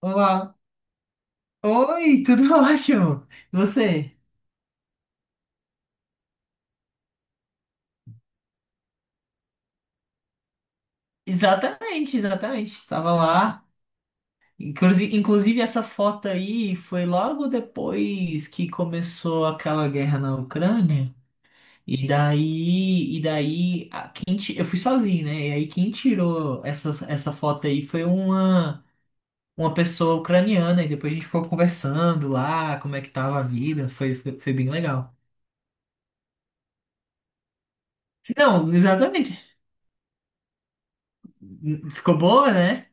Olá. Oi, tudo ótimo. E você? Exatamente, exatamente. Estava lá. Inclusive, inclusive, essa foto aí foi logo depois que começou aquela guerra na Ucrânia. E daí, a- quem ti- Eu fui sozinho, né? E aí quem tirou essa foto aí foi uma pessoa ucraniana. E depois a gente ficou conversando lá, como é que tava a vida. Foi bem legal. Não, exatamente. Ficou boa, né?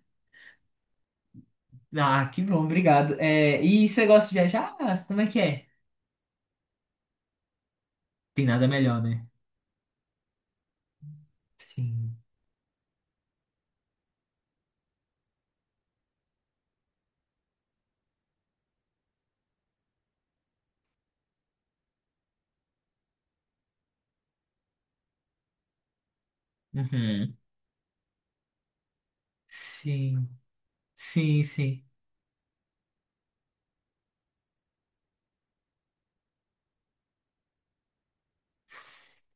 Ah, que bom, obrigado. É, e você gosta de viajar? Como é que é? Tem nada melhor, né? Sim. Uhum. Sim, sim, sim.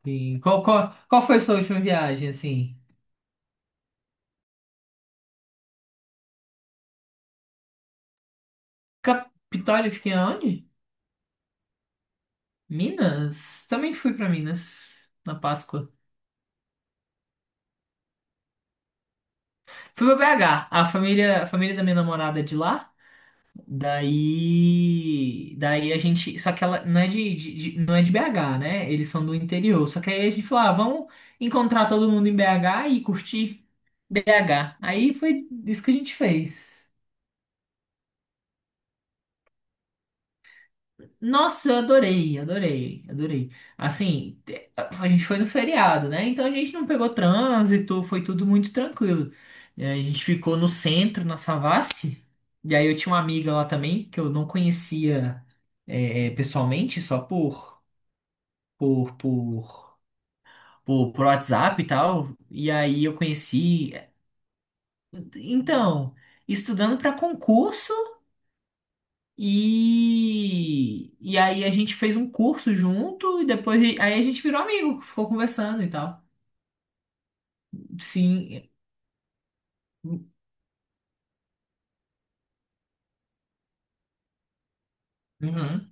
Sim. Qual foi a sua última viagem, assim? Capitólio, eu fiquei aonde? Minas? Também fui pra Minas, na Páscoa. Fui pra BH. A família da minha namorada é de lá. Daí a gente, só que ela não é não é de BH, né? Eles são do interior. Só que aí a gente falou, ah, vamos encontrar todo mundo em BH e curtir BH. Aí foi isso que a gente fez. Nossa, adorei. Assim, a gente foi no feriado, né? Então a gente não pegou trânsito, foi tudo muito tranquilo. É, a gente ficou no centro, na Savassi, e aí eu tinha uma amiga lá também, que eu não conhecia pessoalmente, só por, por, por WhatsApp e tal. E aí eu conheci. Então, estudando para concurso. E aí a gente fez um curso junto e depois aí a gente virou amigo, ficou conversando e tal. Sim. Uhum.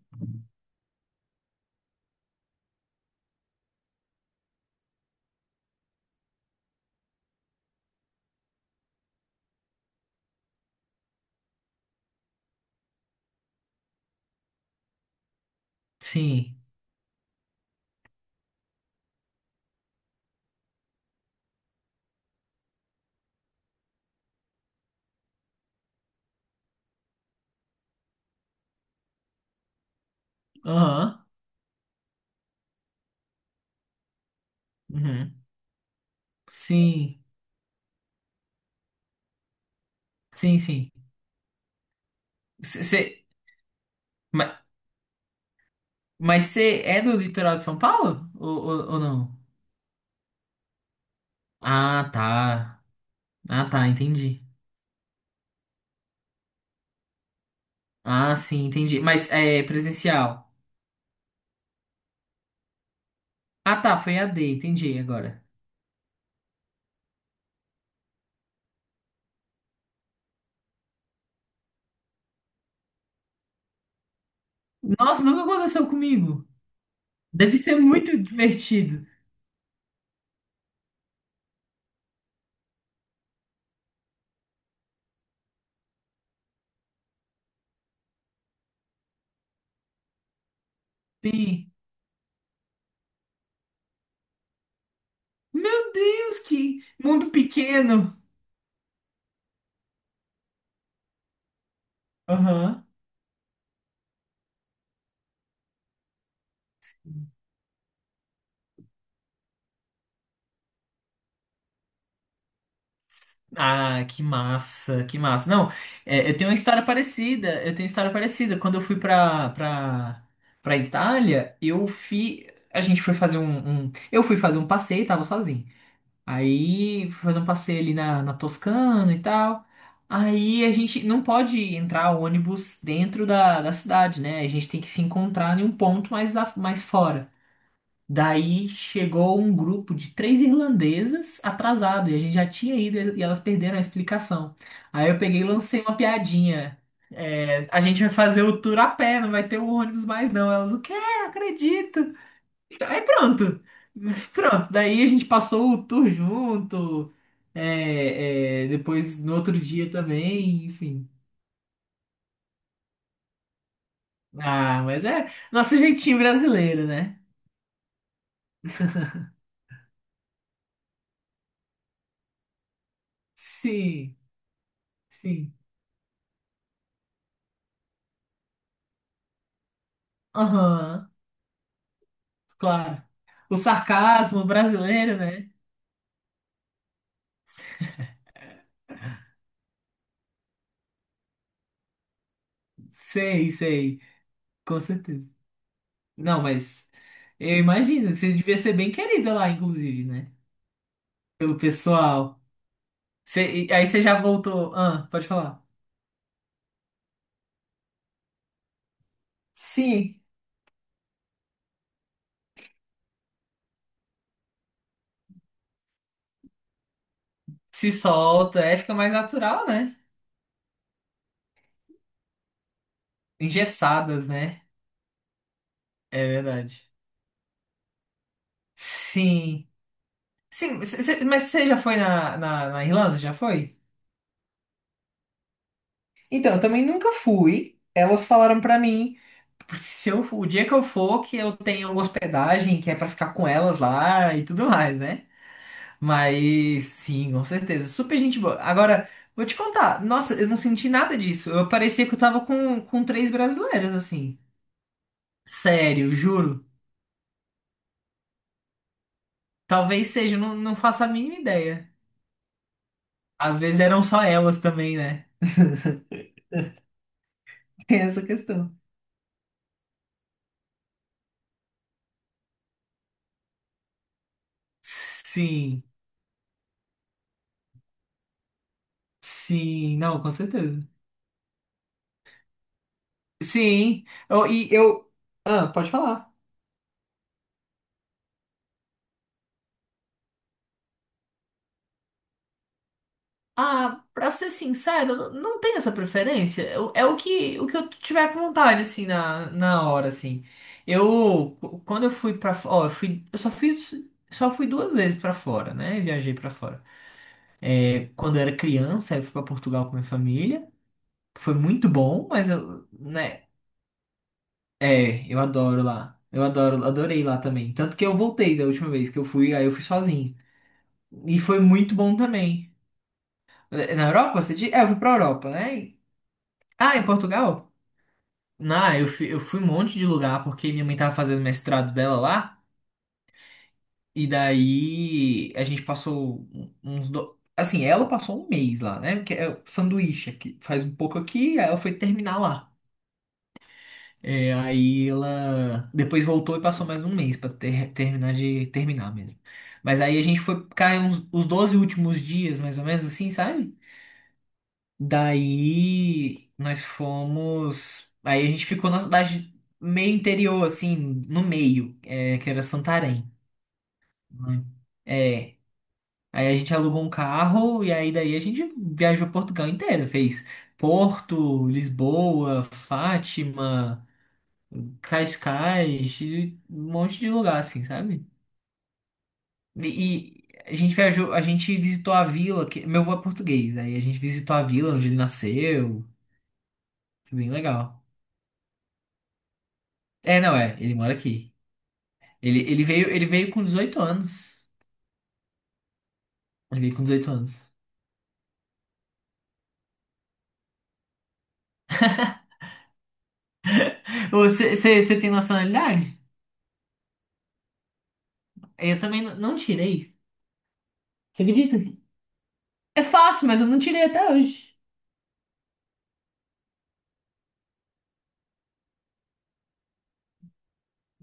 Sim. Aham. Uhum. Sim. Sim, sim. Cê, cê- ma- mas você é do litoral de São Paulo? Ou não? Ah, tá. Ah, tá, entendi. Ah, sim, entendi. Mas é presencial. Ah, tá, foi a D entendi agora. Nossa, nunca aconteceu comigo. Deve ser muito divertido. Sim. Meu Deus, que mundo pequeno. Aham. Que massa. Não, é, eu tenho uma história parecida. Eu tenho uma história parecida. Quando eu fui pra Itália, eu fui. A gente foi fazer eu fui fazer um passeio, tava sozinho. Aí fui fazer um passeio ali na, na Toscana e tal. Aí a gente não pode entrar ônibus dentro da cidade, né? A gente tem que se encontrar em um ponto mais, mais fora. Daí chegou um grupo de três irlandesas atrasado e a gente já tinha ido e elas perderam a explicação. Aí eu peguei e lancei uma piadinha. É, a gente vai fazer o tour a pé, não vai ter um ônibus mais não. Elas, o quê? Não acredito. Aí pronto. Pronto. Daí a gente passou o tour junto. Depois no outro dia também, enfim. Ah, mas é nosso jeitinho brasileiro, né? Sim, sim. Aham. Claro. O sarcasmo brasileiro, né? Sei, sei. Com certeza. Não, mas eu imagino, você devia ser bem querida lá, inclusive, né? Pelo pessoal. E aí você já voltou. Ah, pode falar. Sim, se solta, é, fica mais natural, né? Engessadas, né? É verdade. Sim. Sim, mas você já foi na Irlanda? Já foi? Então, eu também nunca fui. Elas falaram pra mim. Porque se eu, o dia que eu for, que eu tenho hospedagem, que é pra ficar com elas lá e tudo mais, né? Mas sim, com certeza. Super gente boa. Agora, vou te contar. Nossa, eu não senti nada disso. Eu parecia que eu tava com três brasileiras, assim. Sério, juro. Talvez seja, eu não faço a mínima ideia. Às vezes eram só elas também, né? Tem essa questão. Sim, sim, não, com certeza. Sim, eu. Ah, pode falar. Ah, pra ser sincero, eu não tenho essa preferência. É o que eu tiver com vontade, assim, na hora, assim. Eu, quando eu fui pra fora, ó, eu só fiz, só fui duas vezes pra fora, né? Viajei pra fora. É, quando eu era criança, eu fui pra Portugal com minha família. Foi muito bom, mas eu, né? É, eu adoro lá. Adorei lá também. Tanto que eu voltei da última vez que eu fui, aí eu fui sozinho. E foi muito bom também. Na Europa, você diz? É, eu fui pra Europa, né? Ah, em Portugal? Eu fui um monte de lugar porque minha mãe tava fazendo mestrado dela lá, e daí a gente passou Assim, ela passou um mês lá, né? Porque é o sanduíche aqui, faz um pouco aqui, aí ela foi terminar lá. É, aí ela depois voltou e passou mais um mês terminar de terminar mesmo. Mas aí a gente foi ficar uns, os 12 últimos dias, mais ou menos assim, sabe? Daí nós fomos. Aí a gente ficou na cidade meio interior, assim, no meio, é, que era Santarém. Né? É. Aí a gente alugou um carro e aí daí a gente viajou Portugal inteiro, fez Porto, Lisboa, Fátima, Cascais, e um monte de lugar, assim, sabe? E a gente viajou, a gente visitou a vila, que meu avô é português, aí a gente visitou a vila onde ele nasceu, foi bem legal. É, não, é. Ele mora aqui. Ele veio com 18 anos. Ele veio com 18 anos. Você tem nacionalidade? Eu também não tirei. Você acredita? É fácil, mas eu não tirei até hoje.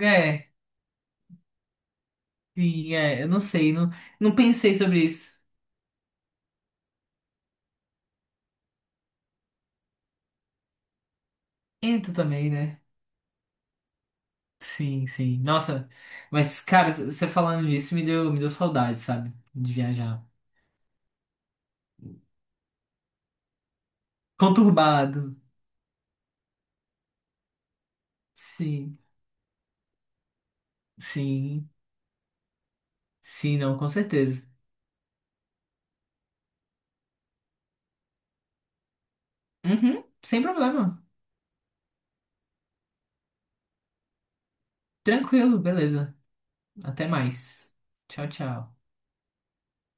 É, sim, é. Eu não sei. Não, não pensei sobre isso. Entra também, né? Sim, sim. Nossa, mas, cara, você falando disso me deu, saudade, sabe? De viajar. Conturbado. Sim, sim. Sim, não, com certeza. Uhum, sem problema. Tranquilo, beleza. Até mais. Tchau, tchau.